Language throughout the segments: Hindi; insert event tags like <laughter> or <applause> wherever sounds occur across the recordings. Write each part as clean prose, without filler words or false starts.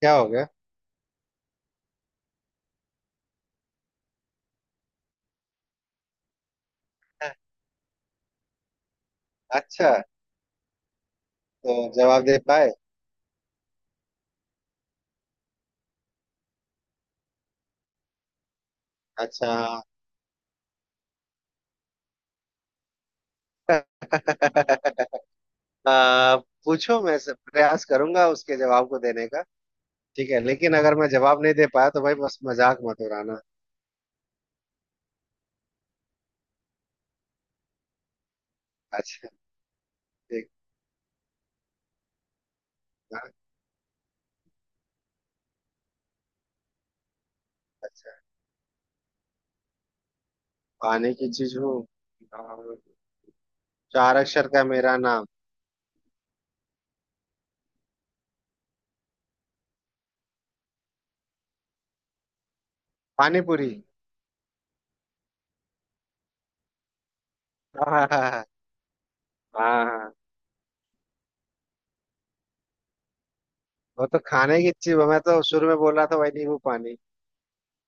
क्या हो गया। अच्छा। तो जवाब दे पाए? अच्छा <laughs> हाँ। आ, पूछो, प्रयास करूंगा उसके जवाब को देने का। ठीक है, लेकिन अगर मैं जवाब नहीं दे पाया तो भाई बस मजाक मत उड़ाना। अच्छा। ठीक। हाँ, अच्छा। पानी की चीज हूँ और चार अक्षर का मेरा नाम। पानी पूरी। <laughs> हाँ, हाँ, हाँ, वो तो खाने की चीज। मैं तो शुरू में बोल रहा था भाई नींबू पानी,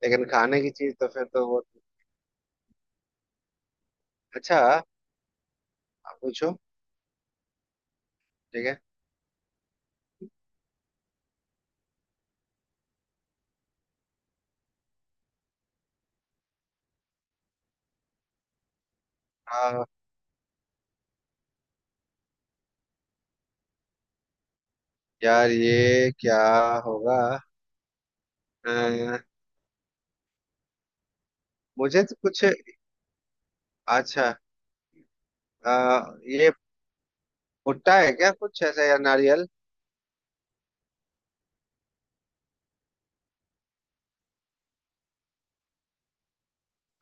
लेकिन खाने की चीज तो फिर तो वो। अच्छा, आप पूछो। ठीक है। यार ये क्या होगा? अ, मुझे तो कुछ। अच्छा। ये भुट्टा है क्या, कुछ ऐसा या नारियल?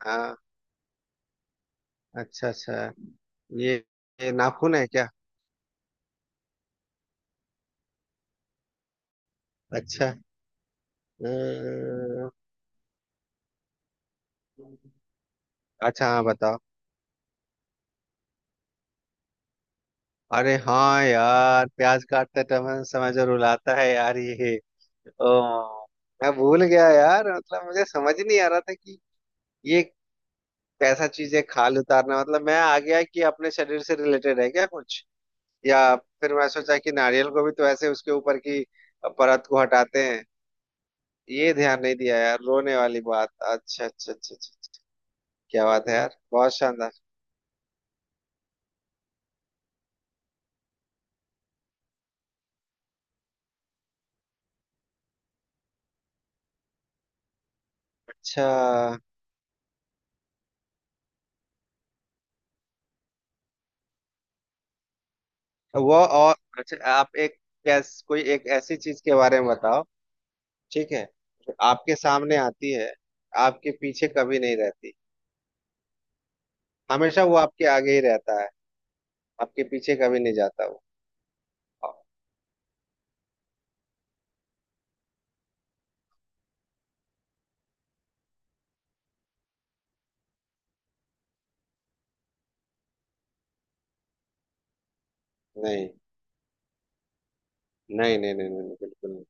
हाँ। अच्छा अच्छा। ये, ये नाखून है क्या? अच्छा। अ, अच्छा हाँ, बताओ। अरे हाँ यार, प्याज काटते समय समय जो रुलाता है यार ये। ओ, मैं भूल गया यार, मतलब मुझे समझ ही नहीं आ रहा था कि ये कैसा चीज है। खाल उतारना मतलब मैं आ गया कि अपने शरीर से रिलेटेड है क्या कुछ, या फिर मैं सोचा कि नारियल को भी तो ऐसे उसके ऊपर की परत को हटाते हैं। ये ध्यान नहीं दिया यार रोने वाली बात। अच्छा अच्छा अच्छा अच्छा अच्छा। क्या बात है यार, बहुत शानदार। अच्छा। वो और अच्छा, आप एक, कैस कोई एक ऐसी चीज के बारे में बताओ, ठीक है, जो आपके सामने आती है, आपके पीछे कभी नहीं रहती। हमेशा वो आपके आगे ही रहता है, आपके पीछे कभी नहीं जाता वो। नहीं नहीं नहीं नहीं नहीं, नहीं बिल्कुल नहीं।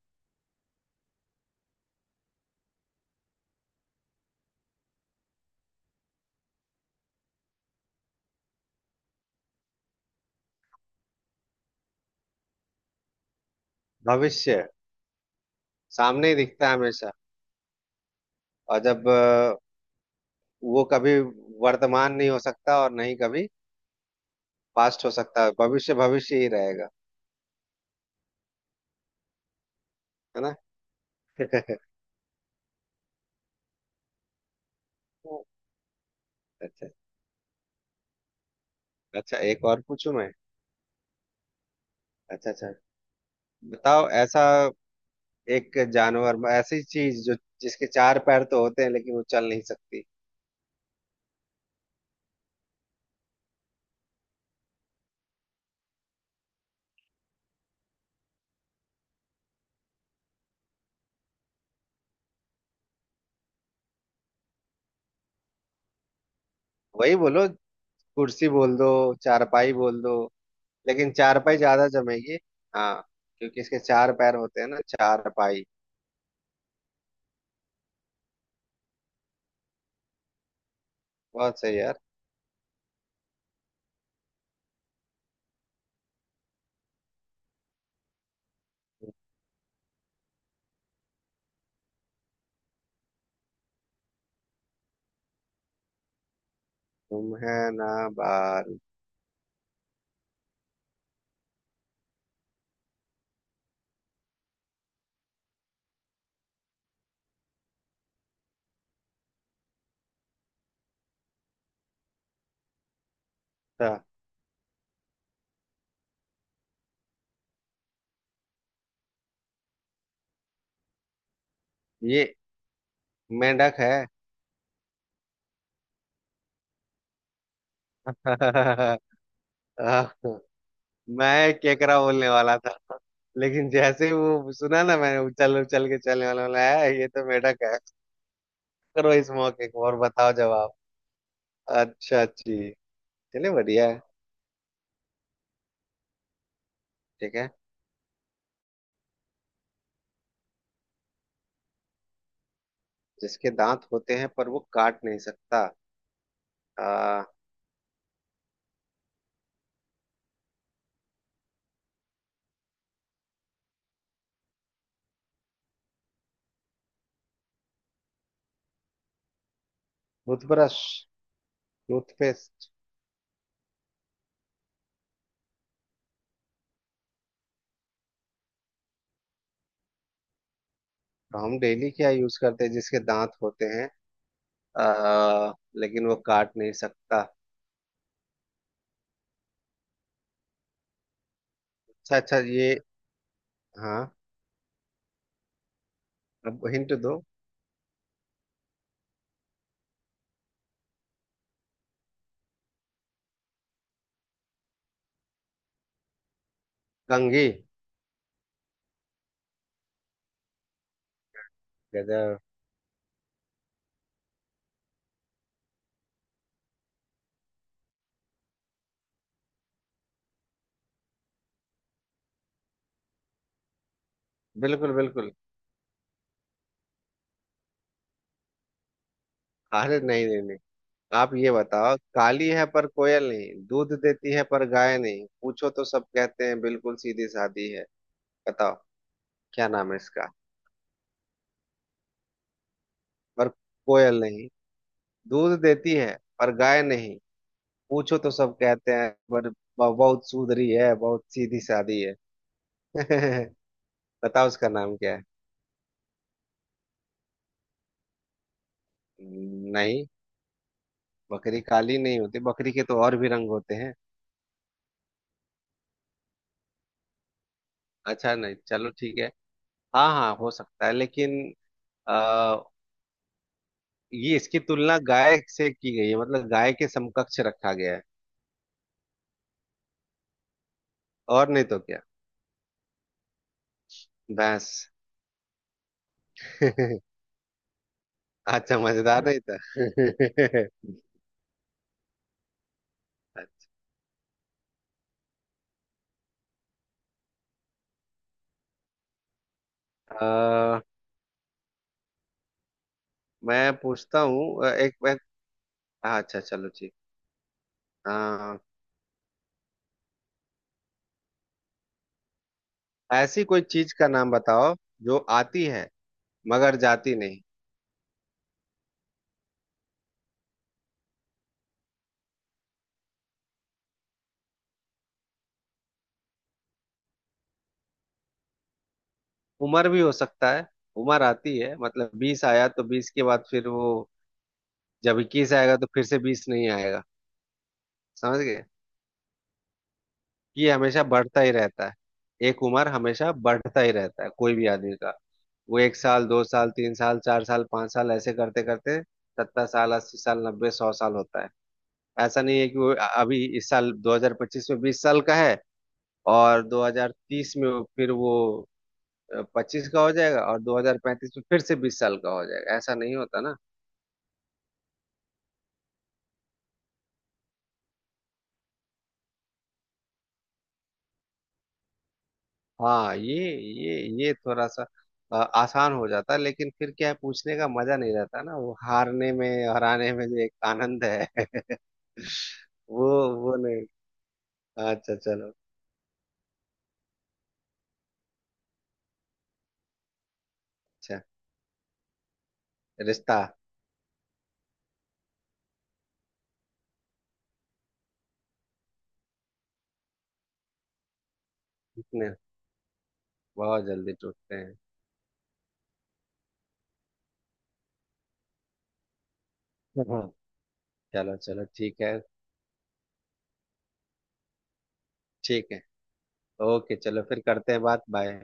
भविष्य सामने ही दिखता है हमेशा। और जब वो कभी वर्तमान नहीं हो सकता, और नहीं कभी पास्ट हो सकता, भविष्य भविष्य ही रहेगा। है ना? <laughs> अच्छा। अच्छा, एक और पूछूं मैं? अच्छा अच्छा। बताओ ऐसा एक जानवर, ऐसी चीज जो, जिसके चार पैर तो होते हैं लेकिन वो चल नहीं सकती। वही बोलो, कुर्सी बोल दो, चारपाई बोल दो। लेकिन चारपाई ज्यादा जमेगी। हाँ। क्योंकि इसके चार पैर होते हैं ना चारपाई। बहुत सही यार। तुम है ना बार। अच्छा, ये मेंढक है। <laughs> मैं केकड़ा बोलने वाला था, लेकिन जैसे ही वो सुना ना मैंने उछल उछल के चलने वाला बोला है, ये तो मेढक है। करो इस मौके को और बताओ जवाब। अच्छा जी, चलिए बढ़िया है। ठीक है, जिसके दांत होते हैं पर वो काट नहीं सकता। आ टूथब्रश, टूथपेस्ट। तो हम डेली क्या यूज करते हैं जिसके दांत होते हैं, आ, लेकिन वो काट नहीं सकता? अच्छा अच्छा, ये। हाँ, अब हिंट दो। कंघी। गजब। बिल्कुल बिल्कुल। अरे नहीं नहीं नहीं, आप ये बताओ: काली है पर कोयल नहीं, दूध देती है पर गाय नहीं, पूछो तो सब कहते हैं बिल्कुल सीधी सादी है। बताओ क्या नाम है इसका? पर कोयल नहीं, दूध देती है पर गाय नहीं, पूछो तो सब कहते हैं पर बहुत सुधरी है, बहुत सीधी सादी है। <laughs> बताओ उसका नाम क्या है? नहीं, बकरी काली नहीं होती, बकरी के तो और भी रंग होते हैं। अच्छा नहीं, चलो ठीक है। हाँ हाँ, हो सकता है, लेकिन ये इसकी तुलना गाय से की गई है, मतलब गाय के समकक्ष रखा गया है। और नहीं तो क्या? भैंस। <laughs> अच्छा, मजेदार नहीं था। <laughs> अ मैं पूछता हूँ, एक मैं। हाँ, अच्छा चलो ठीक। हाँ। ऐसी कोई चीज का नाम बताओ जो आती है मगर जाती नहीं। उम्र भी हो सकता है, उम्र आती है मतलब 20 आया तो 20 के बाद फिर वो, जब 21 आएगा तो फिर से 20 नहीं आएगा। समझ गए? ये हमेशा बढ़ता ही रहता है। एक उम्र हमेशा बढ़ता ही रहता है कोई भी आदमी का। वो 1 साल, 2 साल, 3 साल, 4 साल, 5 साल ऐसे करते करते 70 साल, 80 साल, 90, 100 साल होता है। ऐसा नहीं है कि वो अभी इस साल 2025 में 20 साल का है, और 2030 में फिर वो 25 का हो जाएगा और 2035 में फिर से 20 साल का हो जाएगा, ऐसा नहीं होता ना। हाँ, ये ये थोड़ा सा आसान हो जाता है, लेकिन फिर क्या है, पूछने का मजा नहीं रहता ना, वो हारने में, हराने में जो एक आनंद है। <laughs> वो वो नहीं। अच्छा चलो। अच्छा। रिश्ता। इतने बहुत जल्दी टूटते हैं। हाँ, चलो चलो ठीक है। ठीक है। ओके, चलो फिर करते हैं बात। बाय।